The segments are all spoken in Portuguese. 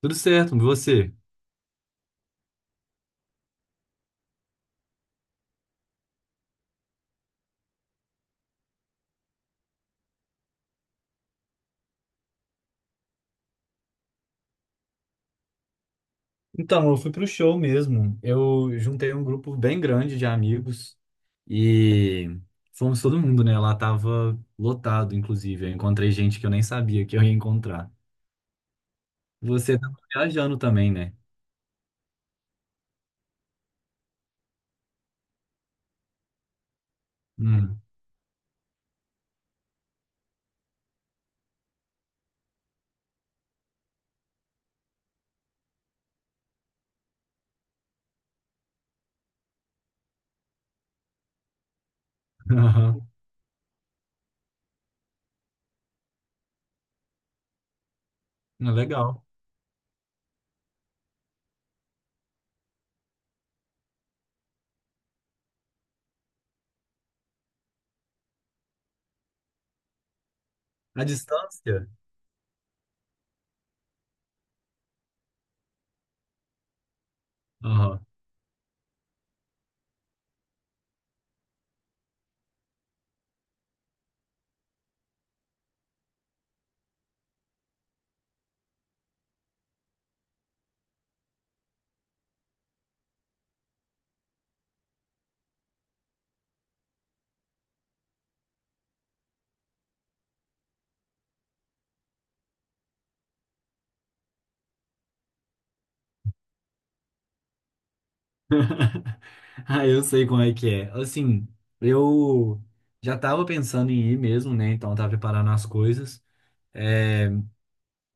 Tudo certo, e você? Então, eu fui pro show mesmo. Eu juntei um grupo bem grande de amigos e fomos todo mundo, né? Lá tava lotado, inclusive. Eu encontrei gente que eu nem sabia que eu ia encontrar. Você tava viajando também, né? Hum. Aham. Ah, legal. A distância? Aham. Ah, eu sei como é que é. Assim, eu já tava pensando em ir mesmo, né? Então eu tava preparando as coisas. É,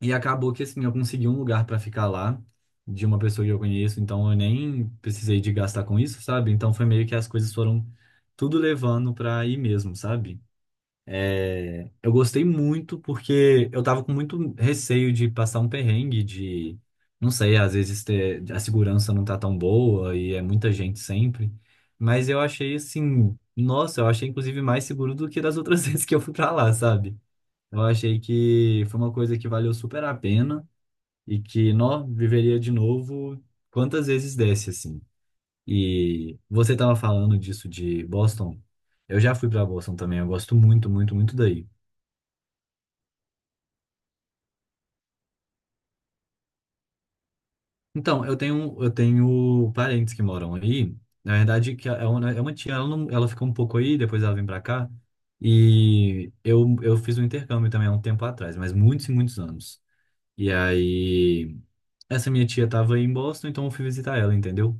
e acabou que assim, eu consegui um lugar pra ficar lá de uma pessoa que eu conheço, então eu nem precisei de gastar com isso, sabe? Então foi meio que as coisas foram tudo levando pra ir mesmo, sabe? É, eu gostei muito porque eu tava com muito receio de passar um perrengue, de, não sei, às vezes ter, a segurança não tá tão boa e é muita gente sempre, mas eu achei assim, nossa, eu achei inclusive mais seguro do que das outras vezes que eu fui pra lá, sabe? Eu achei que foi uma coisa que valeu super a pena e que, nó, viveria de novo quantas vezes desse, assim. E você tava falando disso de Boston. Eu já fui pra Boston também, eu gosto muito, muito, muito daí. Então, eu tenho parentes que moram aí. Na verdade, que é uma tia, ela, não, ela fica um pouco aí, depois ela vem pra cá. E eu fiz um intercâmbio também há um tempo atrás, mas muitos e muitos anos. E aí, essa minha tia tava aí em Boston, então eu fui visitar ela, entendeu?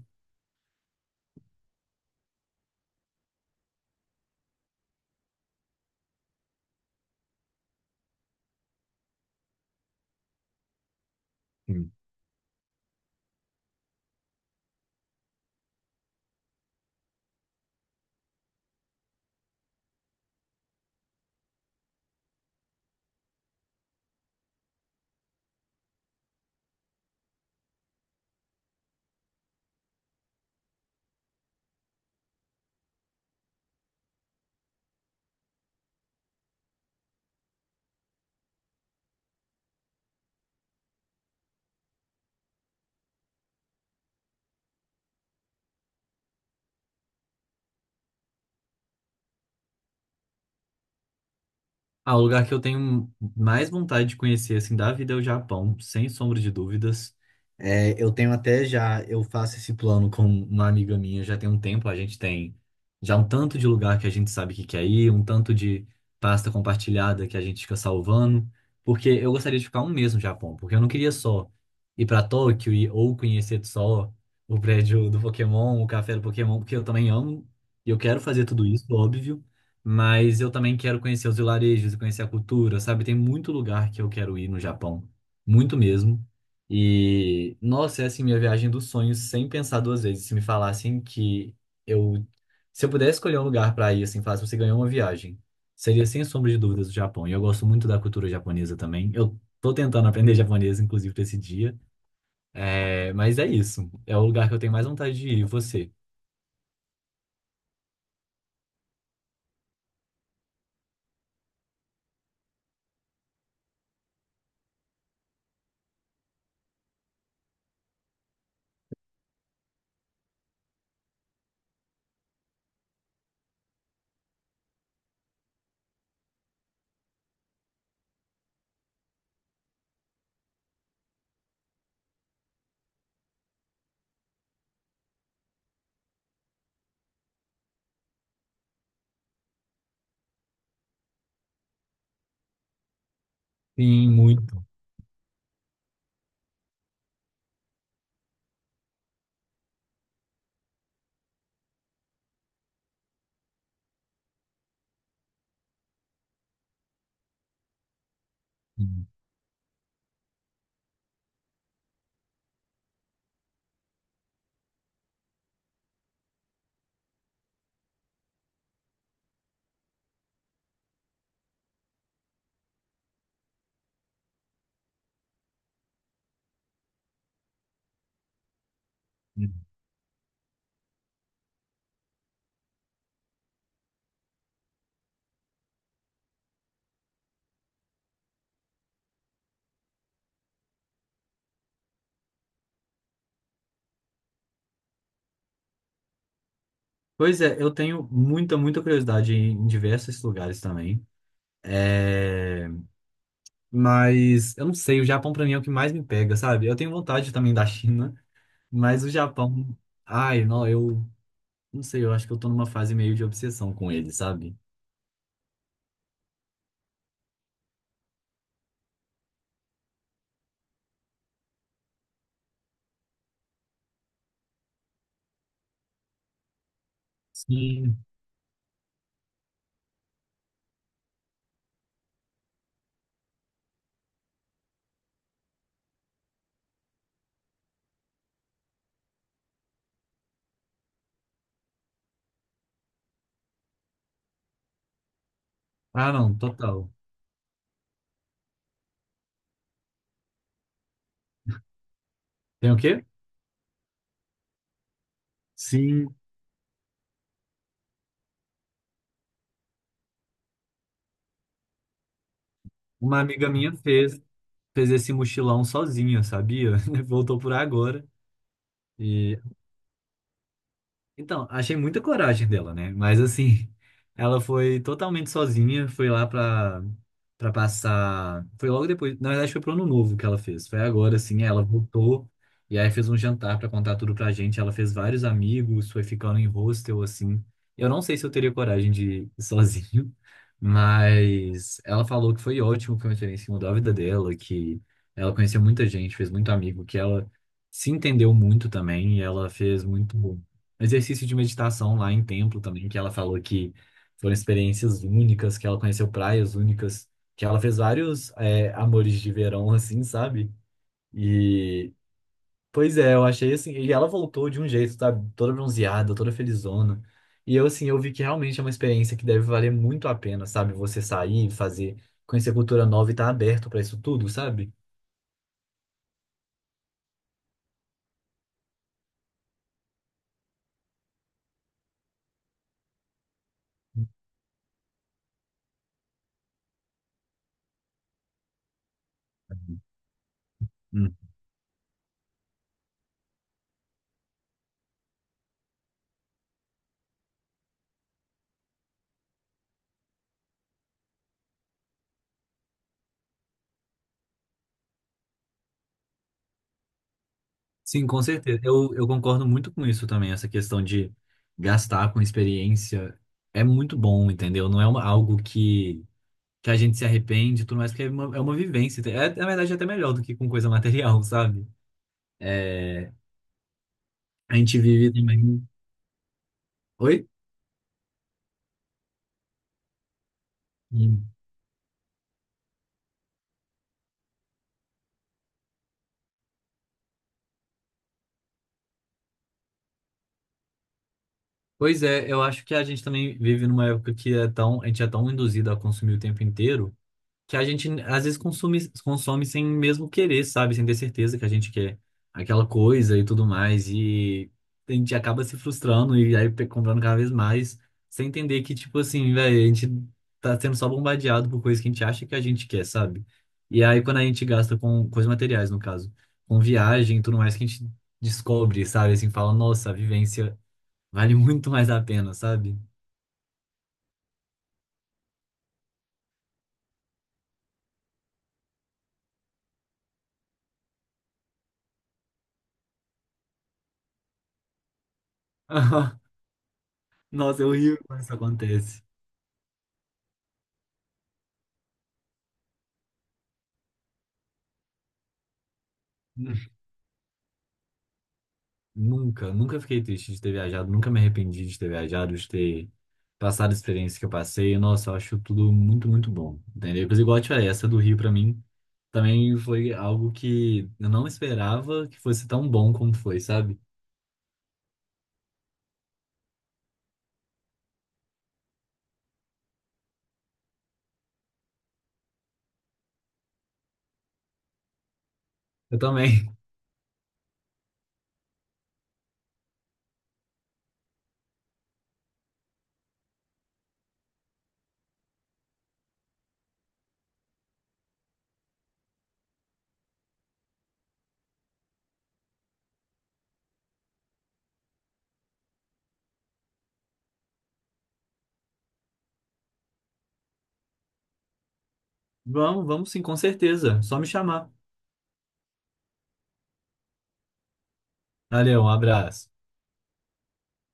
Ah, o lugar que eu tenho mais vontade de conhecer, assim, da vida é o Japão, sem sombra de dúvidas. É, eu tenho até já, eu faço esse plano com uma amiga minha já tem um tempo, a gente tem já um tanto de lugar que a gente sabe que quer ir, um tanto de pasta compartilhada que a gente fica salvando, porque eu gostaria de ficar um mês no Japão, porque eu não queria só ir pra Tóquio e, ou conhecer só o prédio do Pokémon, o café do Pokémon, porque eu também amo e eu quero fazer tudo isso, óbvio. Mas eu também quero conhecer os vilarejos e conhecer a cultura, sabe? Tem muito lugar que eu quero ir no Japão, muito mesmo. E, nossa, é assim minha viagem dos sonhos, sem pensar duas vezes. Se me falassem que eu, se eu pudesse escolher um lugar para ir, assim, fácil, você ganhou uma viagem, seria sem sombra de dúvidas o Japão. E eu gosto muito da cultura japonesa também. Eu tô tentando aprender japonês, inclusive, pra esse dia. É, mas é isso. É o lugar que eu tenho mais vontade de ir. E você? Sim, muito. Pois é, eu tenho muita, muita curiosidade em diversos lugares também. É, mas eu não sei, o Japão pra mim é o que mais me pega, sabe? Eu tenho vontade também da China, mas o Japão. Ai, não, eu não sei, eu acho que eu tô numa fase meio de obsessão com ele, sabe? Sim. Ah, não, total. Tem o quê? Sim, uma amiga minha fez, fez esse mochilão sozinha, sabia? Voltou por agora. Então, achei muita coragem dela, né? Mas assim, ela foi totalmente sozinha, foi lá pra, pra passar. Foi logo depois, na verdade, foi pro ano novo que ela fez. Foi agora, assim, ela voltou e aí fez um jantar pra contar tudo pra gente. Ela fez vários amigos, foi ficando em hostel, assim. Eu não sei se eu teria coragem de ir sozinho, mas ela falou que foi ótimo, que foi uma experiência que mudou a vida dela, que ela conheceu muita gente, fez muito amigo, que ela se entendeu muito também, e ela fez muito exercício de meditação lá em templo também, que ela falou que foram experiências únicas, que ela conheceu praias únicas, que ela fez vários é, amores de verão, assim, sabe? E, pois é, eu achei assim, e ela voltou de um jeito, sabe? Toda bronzeada, toda felizona. E eu, assim, eu vi que realmente é uma experiência que deve valer muito a pena, sabe? Você sair, fazer, conhecer cultura nova e estar aberto para isso tudo, sabe? Sim, com certeza. Eu concordo muito com isso também, essa questão de gastar com experiência é muito bom, entendeu? Não é uma- algo que a gente se arrepende e tudo mais, porque é uma vivência. É, na verdade, é até melhor do que com coisa material, sabe? É, a gente vive também. Oi? Hum. Pois é, eu acho que a gente também vive numa época que é tão, a gente é tão induzido a consumir o tempo inteiro. Que a gente às vezes consome, consome sem mesmo querer, sabe? Sem ter certeza que a gente quer aquela coisa e tudo mais. E a gente acaba se frustrando e aí pe- comprando cada vez mais, sem entender que, tipo assim, velho, a gente tá sendo só bombardeado por coisas que a gente acha que a gente quer, sabe? E aí quando a gente gasta com coisas materiais, no caso, com viagem e tudo mais, que a gente descobre, sabe? Assim, fala, nossa, a vivência vale muito mais a pena, sabe? Nossa, é horrível quando isso acontece. Nunca, nunca fiquei triste de ter viajado, nunca me arrependi de ter viajado, de ter passado a experiência que eu passei. Nossa, eu acho tudo muito, muito bom, entendeu? Mas igual eu te falei, essa do Rio pra mim também foi algo que eu não esperava que fosse tão bom como foi, sabe? Eu também. Vamos, vamos sim, com certeza. Só me chamar. Valeu, um abraço.